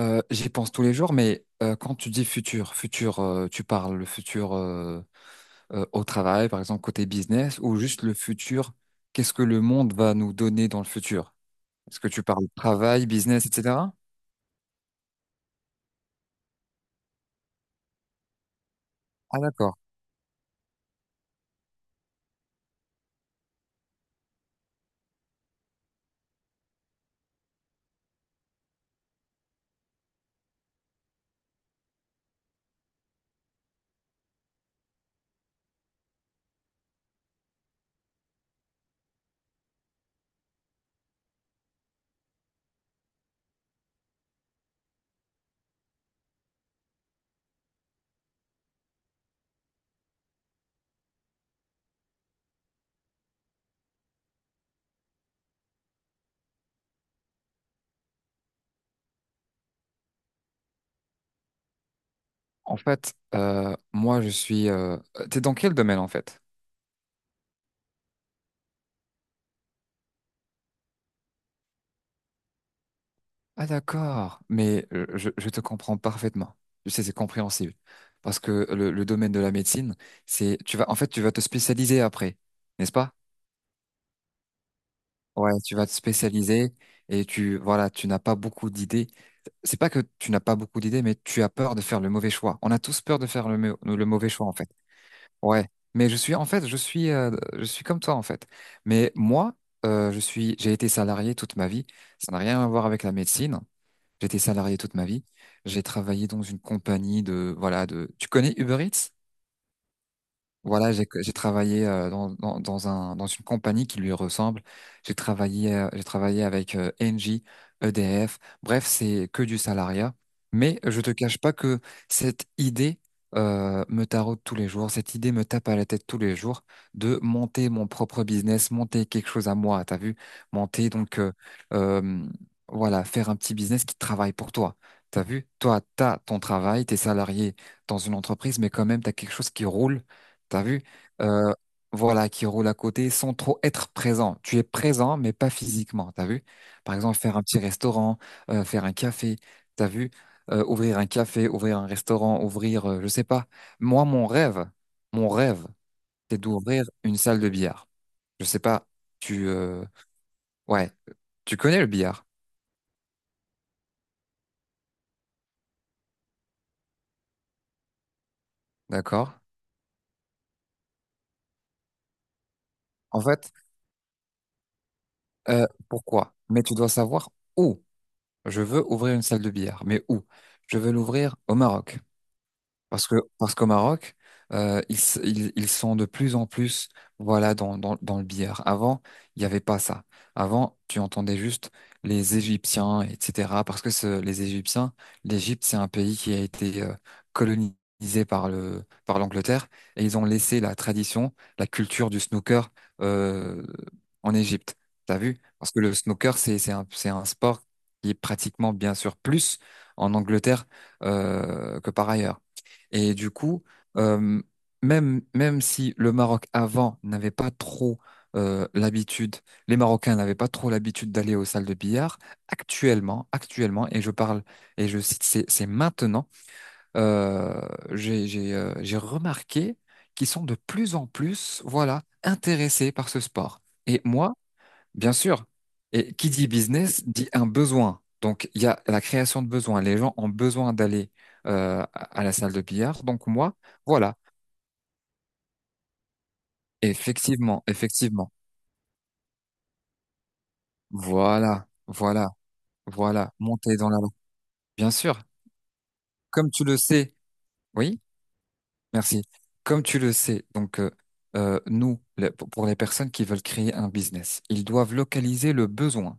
J'y pense tous les jours, mais quand tu dis futur, futur, tu parles le futur au travail, par exemple côté business, ou juste le futur, qu'est-ce que le monde va nous donner dans le futur? Est-ce que tu parles travail, business, etc.? Ah d'accord. En fait, moi je suis. T'es dans quel domaine en fait? Ah d'accord, mais je te comprends parfaitement. Je sais, c'est compréhensible. Parce que le domaine de la médecine, en fait, tu vas te spécialiser après, n'est-ce pas? Ouais, tu vas te spécialiser et tu, voilà, tu n'as pas beaucoup d'idées. C'est pas que tu n'as pas beaucoup d'idées, mais tu as peur de faire le mauvais choix. On a tous peur de faire le mauvais choix, en fait. Ouais. Mais je suis, en fait, je suis comme toi, en fait. Mais moi, j'ai été salarié toute ma vie. Ça n'a rien à voir avec la médecine. J'étais salarié toute ma vie. J'ai travaillé dans une compagnie voilà, tu connais Uber Eats? Voilà, j'ai travaillé dans une compagnie qui lui ressemble. J'ai travaillé avec Engie, EDF. Bref, c'est que du salariat. Mais je te cache pas que cette idée me taraude tous les jours. Cette idée me tape à la tête tous les jours de monter mon propre business, monter quelque chose à moi. T'as vu? Monter donc euh, voilà, faire un petit business qui travaille pour toi. T'as vu? Toi, t'as ton travail, t'es salarié dans une entreprise, mais quand même, t'as quelque chose qui roule. T'as vu? Euh, voilà, qui roule à côté sans trop être présent. Tu es présent, mais pas physiquement. T'as vu? Par exemple, faire un petit restaurant, faire un café. T'as vu? Ouvrir un café, ouvrir un restaurant, je sais pas. Moi, mon rêve, c'est d'ouvrir une salle de billard. Je sais pas. Tu, euh, ouais, tu connais le billard, d'accord? En fait, pourquoi? Mais tu dois savoir où. Je veux ouvrir une salle de billard, mais où? Je veux l'ouvrir au Maroc. Parce qu'au Maroc, ils sont de plus en plus, voilà, dans le billard. Avant, il n'y avait pas ça. Avant, tu entendais juste les Égyptiens, etc. Parce que les Égyptiens, l'Égypte, c'est un pays qui a été colonisé par l'Angleterre et ils ont laissé la tradition, la culture du snooker euh, en Égypte. T'as vu? Parce que le snooker, c'est un sport qui est pratiquement, bien sûr, plus en Angleterre que par ailleurs. Et du coup, euh, même si le Maroc avant n'avait pas trop l'habitude, les Marocains n'avaient pas trop l'habitude d'aller aux salles de billard, actuellement, actuellement, et je parle, et je cite, c'est maintenant, euh, j'ai remarqué qu'ils sont de plus en plus, voilà, intéressés par ce sport. Et moi, bien sûr. Et qui dit business dit un besoin. Donc, il y a la création de besoins. Les gens ont besoin d'aller à la salle de billard. Donc, moi, voilà. Effectivement, effectivement. Voilà, voilà, voilà. Monter dans la... Bien sûr. Comme tu le sais, oui, merci. Comme tu le sais, donc, nous, le- pour les personnes qui veulent créer un business, ils doivent localiser le besoin.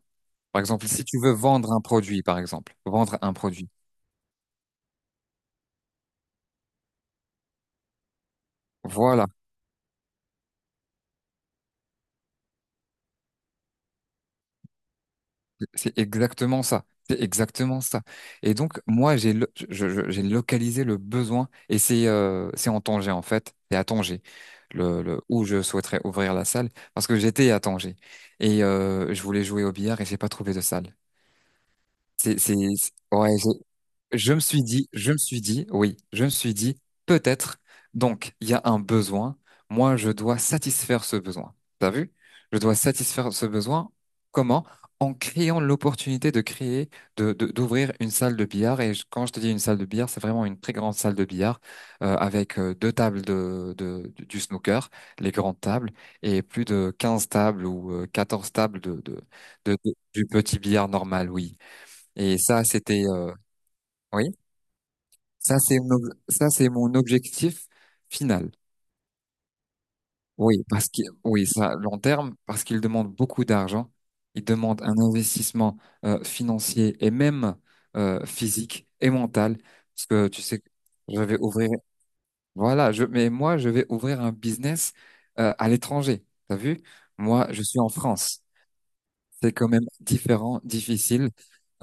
Par exemple, si tu veux vendre un produit, par exemple, vendre un produit. Voilà. C'est exactement ça. C'est exactement ça. Et donc, moi, j'ai lo- je- j'ai localisé le besoin et c'est en Tanger, en fait. C'est à Tanger où je souhaiterais ouvrir la salle parce que j'étais à Tanger et je voulais jouer au billard et j'ai pas trouvé de salle. Ouais, je me suis dit, je me suis dit, oui, je me suis dit, peut-être. Donc, il y a un besoin. Moi, je dois satisfaire ce besoin. T'as vu? Je dois satisfaire ce besoin. Comment? En créant l'opportunité de créer, d'ouvrir une salle de billard. Quand je te dis une salle de billard, c'est vraiment une très grande salle de billard avec deux tables du snooker, les grandes tables, et plus de 15 tables ou 14 tables du petit billard normal, oui. Et ça, c'était, oui. Ça, c'est mon objectif final. Oui, parce que, oui, ça, long terme, parce qu'il demande beaucoup d'argent. Il demande un investissement financier et même physique et mental. Parce que tu sais, je vais ouvrir, voilà, mais moi, je vais ouvrir un business à l'étranger. T'as vu? Moi, je suis en France. C'est quand même différent, difficile.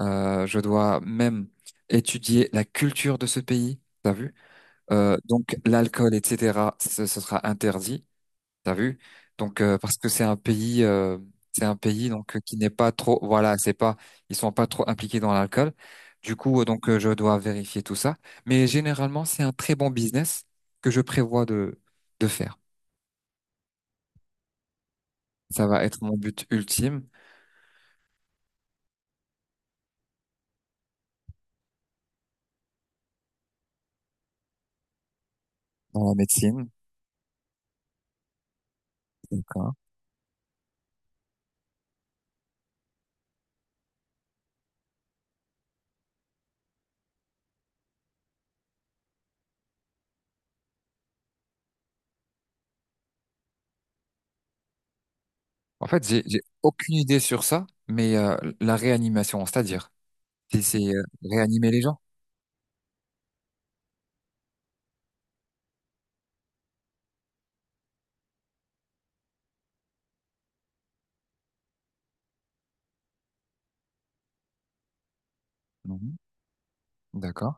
Je dois même étudier la culture de ce pays. T'as vu? Donc l'alcool, etc., ce sera interdit, t'as vu? Donc parce que c'est un pays donc qui n'est pas trop, voilà, c'est pas, ils sont pas trop impliqués dans l'alcool. Du coup, je dois vérifier tout ça. Mais généralement, c'est un très bon business que je prévois de faire. Ça va être mon but ultime dans la médecine. Donc, hein. En fait, j'ai aucune idée sur ça, mais la réanimation, c'est-à-dire, c'est c'est, euh, réanimer les gens. Mhm. D'accord.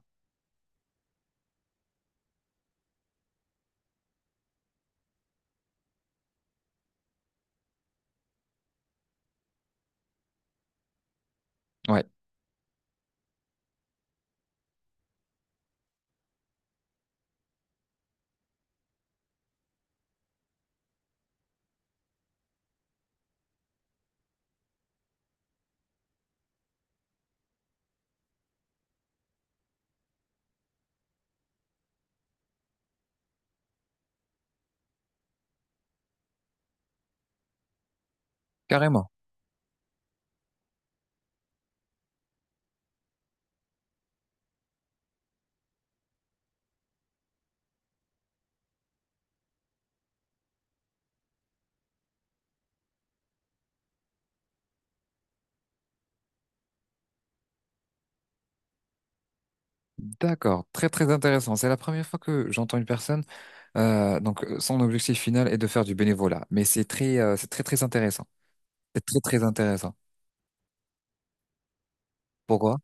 Ouais, carrément. D'accord, très très intéressant. C'est la première fois que j'entends une personne, donc, son objectif final est de faire du bénévolat, mais c'est très très intéressant. C'est très très intéressant. Pourquoi?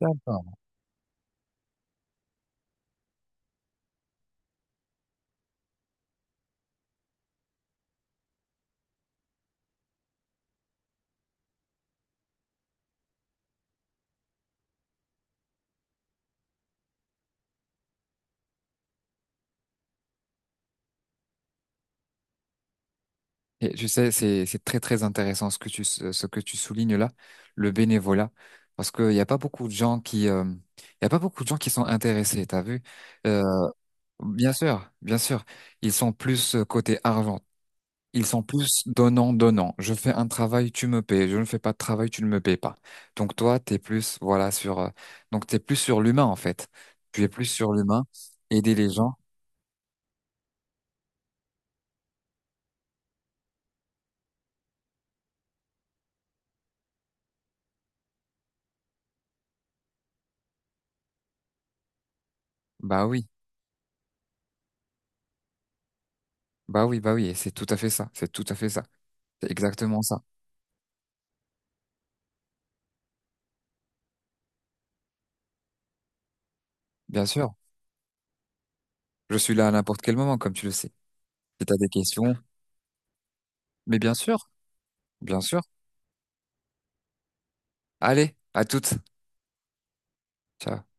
D'accord. Et tu sais, c'est très très intéressant ce que tu soulignes là, le bénévolat, parce qu'il n'y a pas beaucoup de gens qui, il y a pas beaucoup de gens qui sont intéressés. T'as vu? Euh, Bien sûr, bien sûr, ils sont plus côté argent. Ils sont plus donnant, donnant. Je fais un travail, tu me payes. Je ne fais pas de travail, tu ne me payes pas. Donc toi, t'es plus, voilà, donc t'es plus sur l'humain, en fait. Tu es plus sur l'humain, aider les gens. Bah oui, bah oui, bah oui. Et c'est tout à fait ça. C'est tout à fait ça. C'est exactement ça. Bien sûr. Je suis là à n'importe quel moment, comme tu le sais. Si t'as des questions, mais bien sûr, bien sûr. Allez, à toutes. Ciao.